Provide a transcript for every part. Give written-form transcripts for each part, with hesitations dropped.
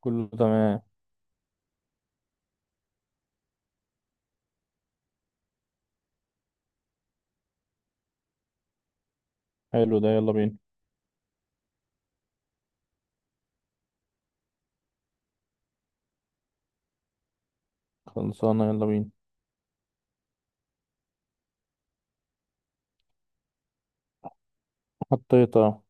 كله تمام. حلو ده، يلا بينا. خلصانة، يلا بينا. حطيت اه.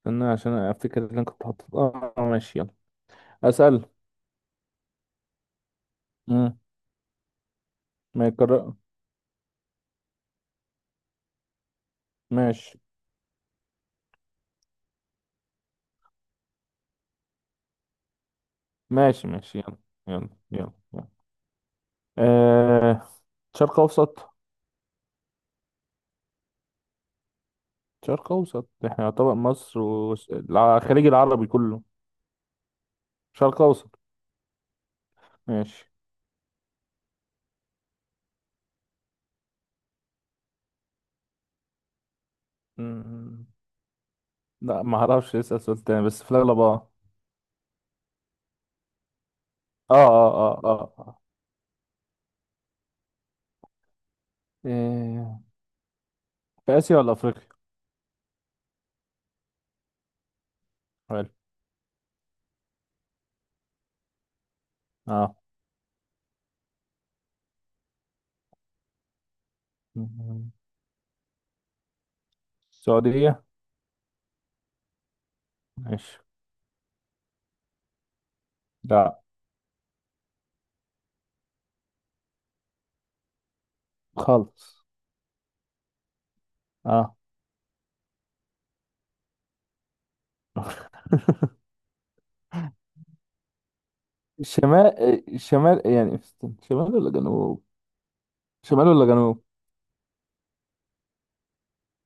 استنى عشان افتكر اللي انا كنت حاطط اه آه، ماشي يلا اسأل. مم. ما يكرر. ماشي ماشي. ماشي يلا. آه. شرق اوسط. شرق اوسط. احنا يعتبر مصر والخليج العربي كله شرق اوسط. ماشي. مم. لا ما اعرفش، اسأل سؤال تاني بس في الاغلب اه اه آه. إيه، في اسيا ولا افريقيا؟ حلو. اه السعودية. ماشي. لا. خالص. اه. الشمال. الشمال يعني استنى، شمال ولا جنوب؟ شمال ولا جنوب؟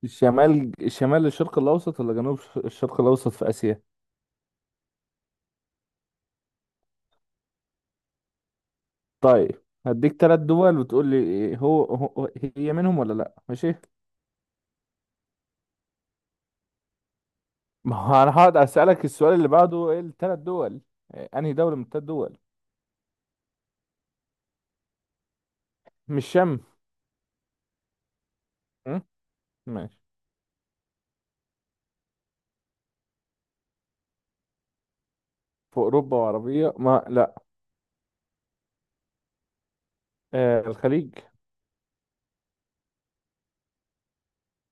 الشمال الشرق الأوسط ولا جنوب؟ الشرق الأوسط في آسيا. طيب هديك ثلاث دول وتقول لي إيه، هو هي منهم ولا لا، ماشي. ما هو انا هقعد اسالك السؤال اللي بعده، ايه الثلاث دول؟ إيه، انهي دولة من الثلاث دول؟ مش شام. م? ماشي في اوروبا وعربية، ما لا. آه الخليج.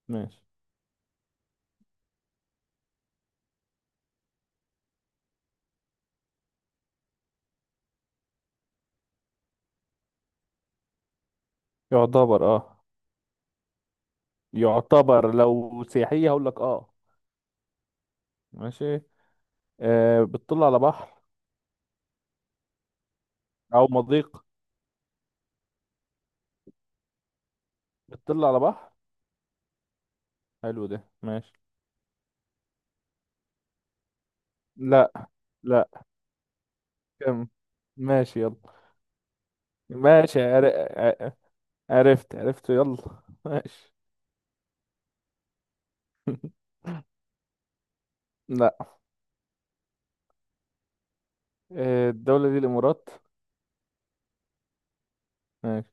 ماشي. يعتبر اه. يعتبر لو سياحية هقول لك اه. ماشي. آه بتطل على بحر او مضيق. بتطل على بحر. حلو ده، ماشي. لا. لا. كم. ماشي يلا. ماشي عر... ع- عرفت عرفت. يلا ماشي. لا. آه الدولة دي الامارات. ماشي.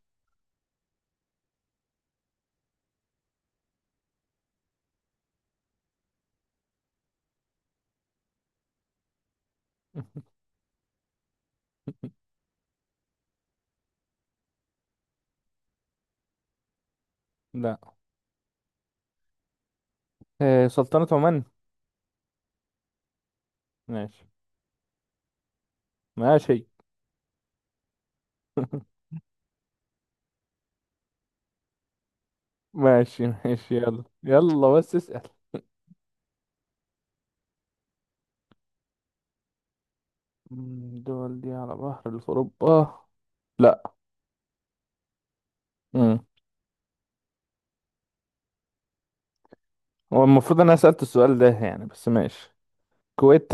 لا. آه سلطنة عمان. ماشي. ماشي. ماشي ماشي يلا يلا بس اسأل. الدول دي على بحر في اوروبا، لا. هو المفروض انا سألت السؤال ده يعني، بس ماشي. الكويت.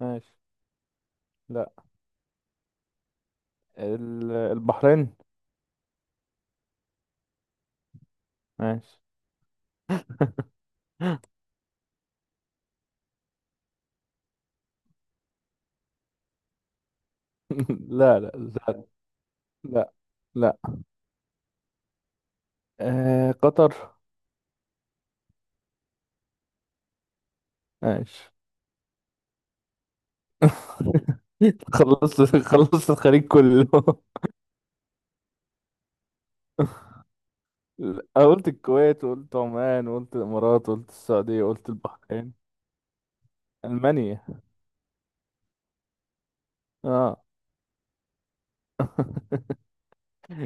ماشي. لا. البحرين. ماشي. لا لا لا لا لا. آه قطر. ماشي. خلصت، خلصت الخليج كله. أنا قلت الكويت وقلت عمان وقلت الامارات وقلت السعودية وقلت البحرين. المانيا. اه.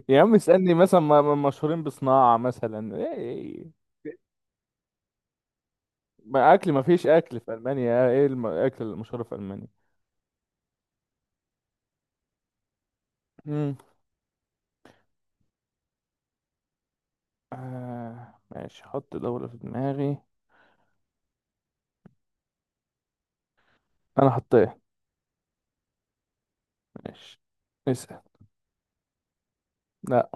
يا عم اسألني مثلا مشهورين بصناعة مثلا إيه. إيه. ما اكل، ما فيش اكل في المانيا، ايه الاكل المشهور في المانيا؟ امم آه ماشي، حط دولة في دماغي. انا حطيت. ماشي اسأل. لا.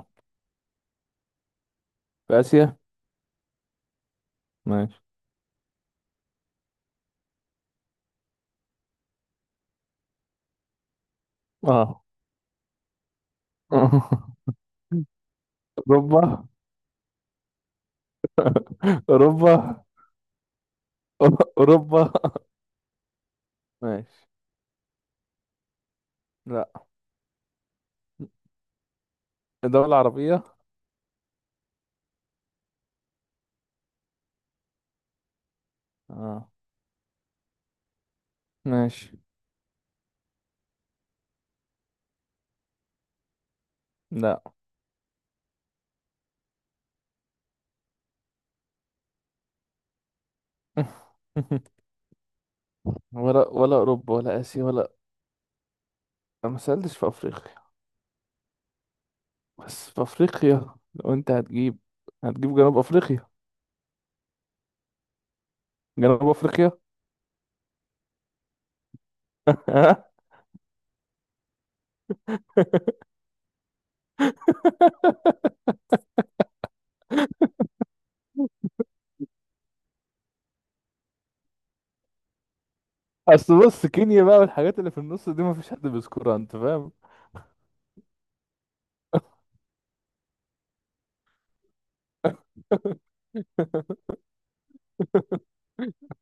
في اسيا. ماشي. اه. اوروبا. اوروبا. اوروبا. ماشي. لا. دولة عربية. اه. ماشي. لا. ولا اوروبا ولا اسيا ولا أنا ما سألتش في افريقيا. بس في افريقيا لو انت هتجيب هتجيب جنوب افريقيا. جنوب افريقيا. اصل بص كينيا بقى والحاجات اللي في النص دي ما فيش حد بيذكرها، انت فاهم.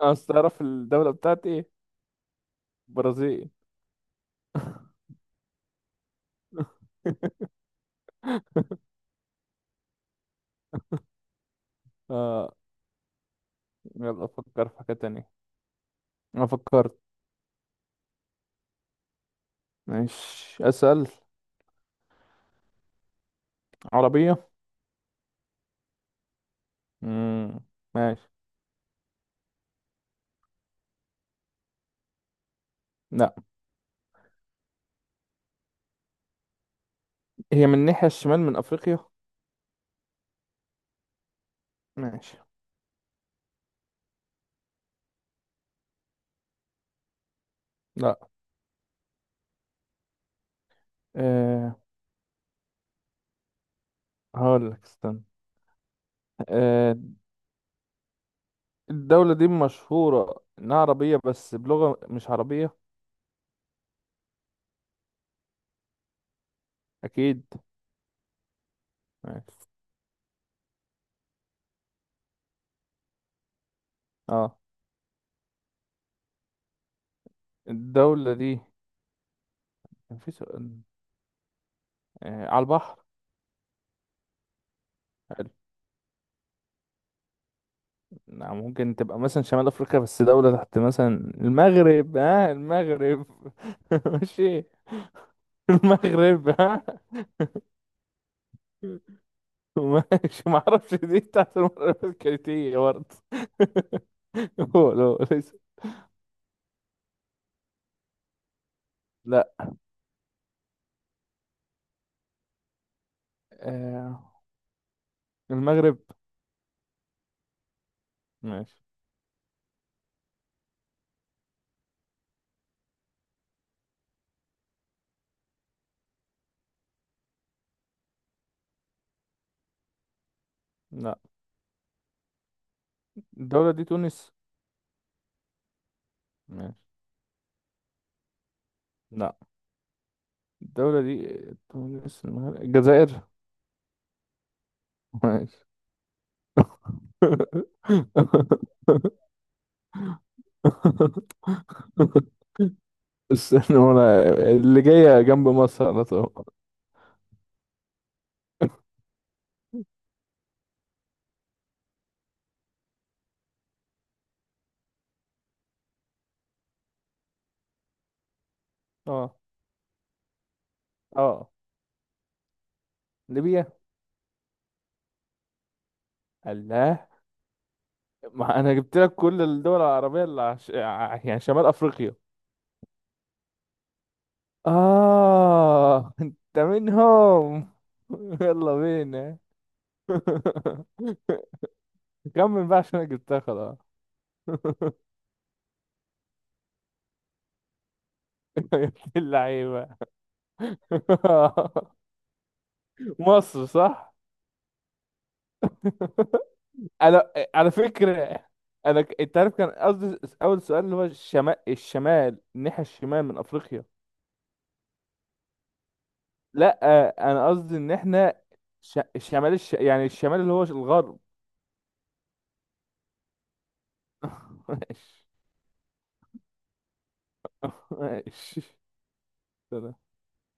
اصل تعرف الدولة بتاعتي ايه؟ برازيل. اه يلا افكر في حاجة تانية. انا فكرت. ماشي اسأل. عربية. مم. ماشي. لا. هي من الناحية الشمال من افريقيا. ماشي. لا. أه هقول لك استنى. أه الدولة دي مشهورة انها عربية بس بلغة مش عربية. اكيد. ماشي. اه الدولة دي كان في سؤال، آه على البحر. حلو. نعم، ممكن تبقى مثلا شمال أفريقيا بس دولة تحت مثلا. المغرب، ها آه المغرب. ماشي. المغرب، ها. ماشي معرفش. دي تحت المغرب الكريتية برضه. هو لو ليس. لا. آه المغرب. ماشي. لا. الدولة دي تونس. ماشي. لا. الدولة دي آه، تونس المغرب الجزائر. ماشي. استنى وانا، اللي جاية جنب مصر على طول. اه. اه. ليبيا. الله. ما انا جبت لك كل الدول العربية اللي عش... يعني شمال افريقيا. اه انت منهم. يلا بينا. كمل بقى عشان انا جبتها خلاص. يا ابن اللعيبة. مصر صح. انا على فكرة انا انت عارف كان قصدي اول سؤال اللي هو الشمال، الناحية الشمال من افريقيا. لا انا قصدي ان احنا ش... الشمال يعني الشمال اللي هو الغرب. ماشي ماشي.